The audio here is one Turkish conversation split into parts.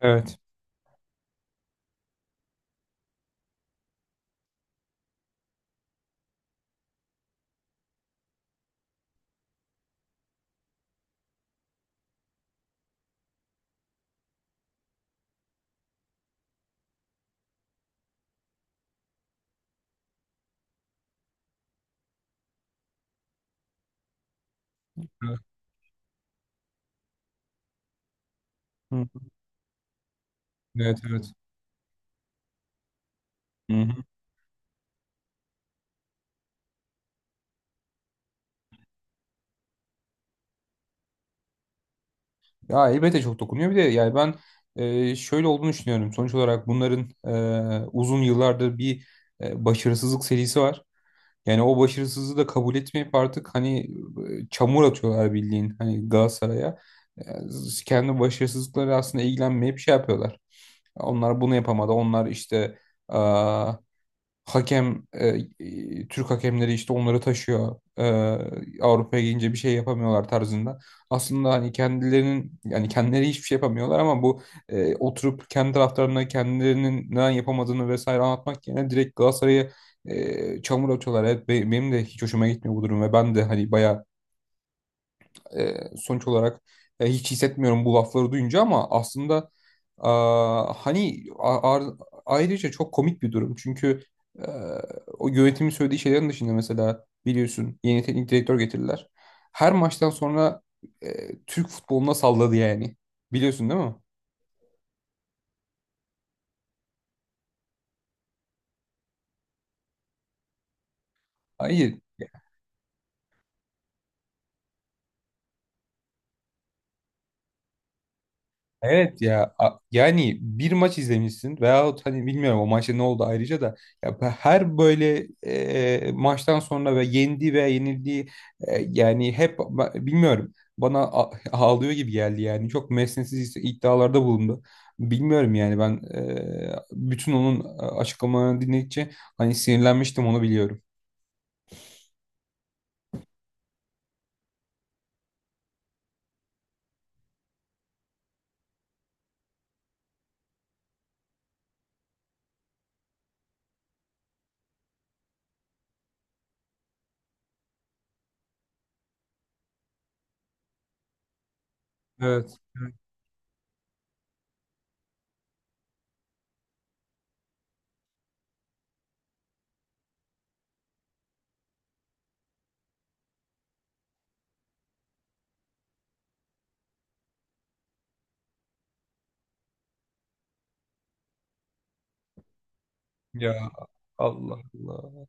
Evet. Evet. Hı. Evet, evet. Hı. Hı. Ya elbette çok dokunuyor. Bir de yani ben şöyle olduğunu düşünüyorum. Sonuç olarak bunların uzun yıllardır bir başarısızlık serisi var. Yani o başarısızlığı da kabul etmeyip artık hani çamur atıyorlar bildiğin hani Galatasaray'a. E, Kendi başarısızlıkları aslında ilgilenmeyip şey yapıyorlar. Onlar bunu yapamadı. Onlar işte Hakem e, Türk hakemleri işte onları taşıyor. Avrupa'ya gelince bir şey yapamıyorlar tarzında. Aslında hani kendilerinin yani kendileri hiçbir şey yapamıyorlar ama bu oturup kendi taraftarlarına kendilerinin neden yapamadığını vesaire anlatmak yerine direkt Galatasaray'a çamur atıyorlar. Evet, benim de hiç hoşuma gitmiyor bu durum ve ben de hani bayağı sonuç olarak hiç hissetmiyorum bu lafları duyunca ama aslında hani ayrıca çok komik bir durum. Çünkü e, o yönetimin söylediği şeylerin dışında mesela biliyorsun yeni teknik direktör getirdiler. Her maçtan sonra Türk futboluna salladı yani. Biliyorsun değil mi? Hayır. Evet ya yani bir maç izlemişsin veyahut hani bilmiyorum o maçta ne oldu ayrıca da, ya her böyle maçtan sonra ve yendiği veya yenildiği yani hep bilmiyorum, bana ağlıyor gibi geldi yani, çok mesnetsiz iddialarda bulundu. Bilmiyorum yani ben bütün onun açıklamalarını dinledikçe hani sinirlenmiştim, onu biliyorum. Evet. Evet. Ya Allah Allah.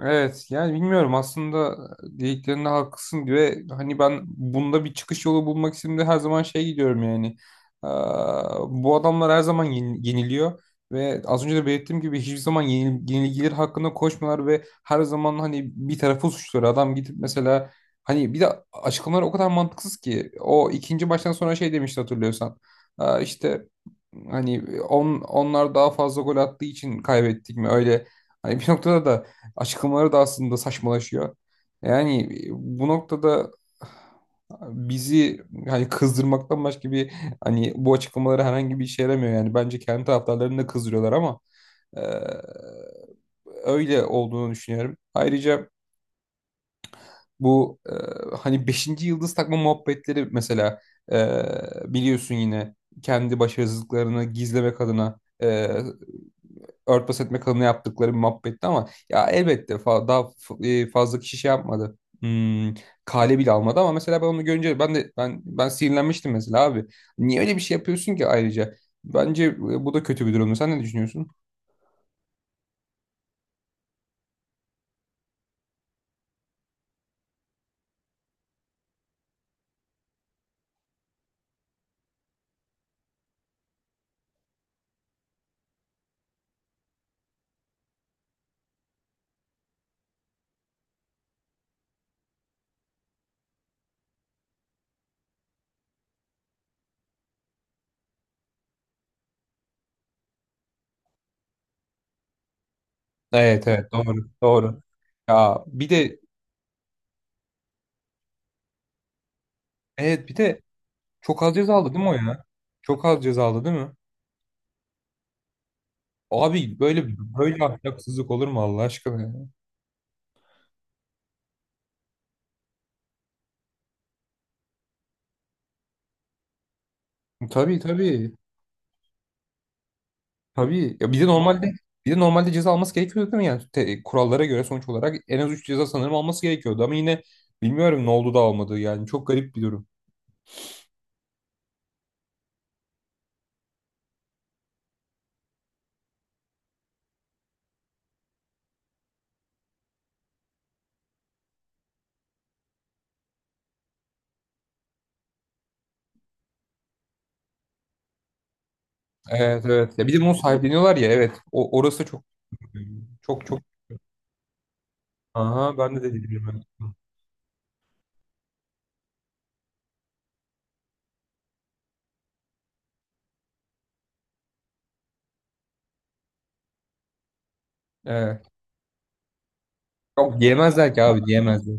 Evet yani bilmiyorum aslında, dediklerinde haklısın diye hani ben bunda bir çıkış yolu bulmak için de her zaman şey gidiyorum yani. Bu adamlar her zaman yeniliyor ve az önce de belirttiğim gibi hiçbir zaman yenilgiler hakkında koşmuyorlar ve her zaman hani bir tarafı suçluyor, adam gidip mesela, hani bir de açıklamalar o kadar mantıksız ki o ikinci baştan sonra şey demişti, hatırlıyorsan. Aa, işte hani onlar daha fazla gol attığı için kaybettik mi öyle, hani bir noktada da açıklamaları da aslında saçmalaşıyor. Yani bu noktada bizi hani kızdırmaktan başka bir, hani bu açıklamaları herhangi bir işe yaramıyor. Yani bence kendi taraftarlarını da kızdırıyorlar ama e, öyle olduğunu düşünüyorum. Ayrıca bu hani beşinci yıldız takma muhabbetleri mesela, e, biliyorsun yine kendi başarısızlıklarını gizlemek adına örtbas etme kanunu yaptıkları bir muhabbetti ama ya, elbette daha fazla kişi şey yapmadı. Kale bile almadı ama mesela ben onu görünce ben de ben ben sinirlenmiştim mesela abi. Niye öyle bir şey yapıyorsun ki ayrıca? Bence bu da kötü bir durumdu. Sen ne düşünüyorsun? Evet, evet, doğru doğru. Ya bir de, evet, bir de çok az ceza aldı değil mi o ya? Çok az ceza aldı değil mi? Abi böyle böyle ahlaksızlık olur mu Allah aşkına ya? Tabii tabii. Tabii. Ya bir de normalde ceza alması gerekiyordu değil mi? Yani kurallara göre sonuç olarak en az 3 ceza sanırım alması gerekiyordu ama yine bilmiyorum ne oldu da almadı. Yani çok garip bir durum. Evet evet. Ya bir de bunu sahipleniyorlar ya, evet. Orası da çok çok çok. Aha, ben de dedi bilmem. Evet. Yok, diyemezler ki abi, diyemezler.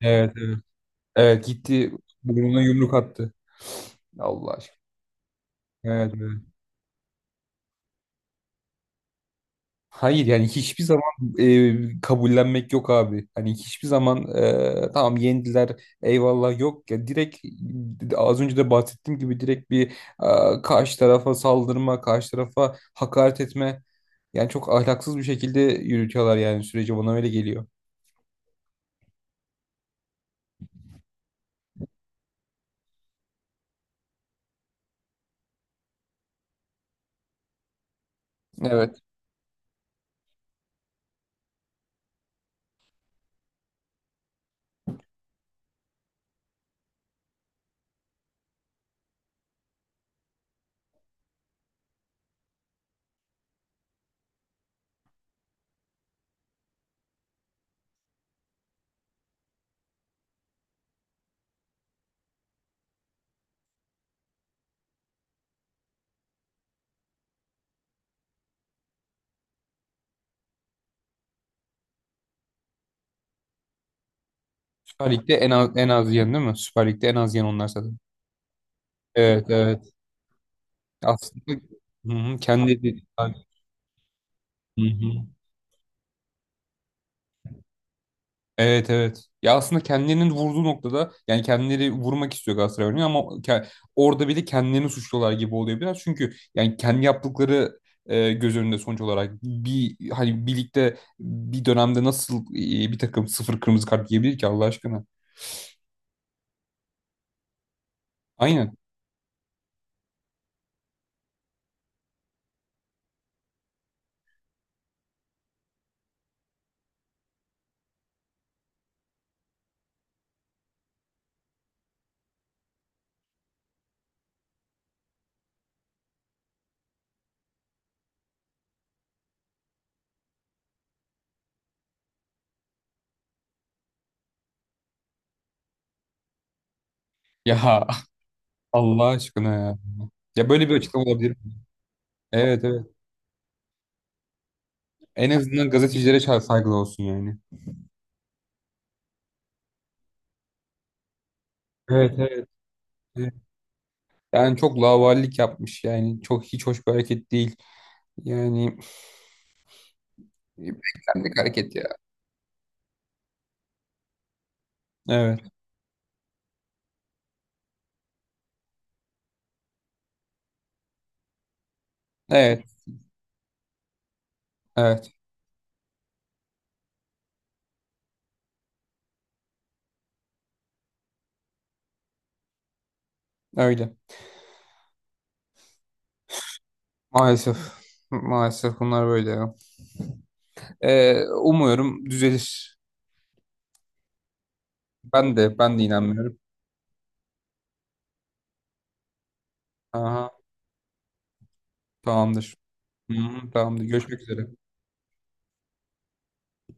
Evet evet. Evet, gitti burnuna yumruk attı. Allah aşkına. Evet evet. Hayır yani hiçbir zaman kabullenmek yok abi. Hani hiçbir zaman tamam yendiler, eyvallah, yok ya, direkt az önce de bahsettiğim gibi direkt bir karşı tarafa saldırma, karşı tarafa hakaret etme. Yani çok ahlaksız bir şekilde yürütüyorlar yani, süreci bana öyle geliyor. Evet. Süper Lig'de en az, en az yiyen değil mi? Süper Lig'de en az yiyen onlar zaten. Evet evet. Aslında, hı hı, kendi. Hı hı. Evet evet. Ya aslında kendilerinin vurduğu noktada yani, kendileri vurmak istiyor Galatasaray örneğin ama orada bile kendilerini suçluyorlar gibi oluyor biraz. Çünkü yani kendi yaptıkları göz önünde sonuç olarak, bir hani birlikte bir dönemde nasıl bir takım sıfır kırmızı kart yiyebilir ki Allah aşkına? Aynen. Ya Allah aşkına ya. Ya böyle bir açıklama olabilir mi? Evet evet. En azından gazetecilere saygılı olsun yani. Evet evet. Yani çok lavallik yapmış yani, çok hiç hoş bir hareket değil. Yani beklendik hareket ya. Evet, evet, evet. Öyle. Maalesef, maalesef bunlar böyle ya. Umuyorum düzelir. Ben de inanmıyorum. Aha, tamamdır. Hı hı, tamamdır. Görüşmek üzere.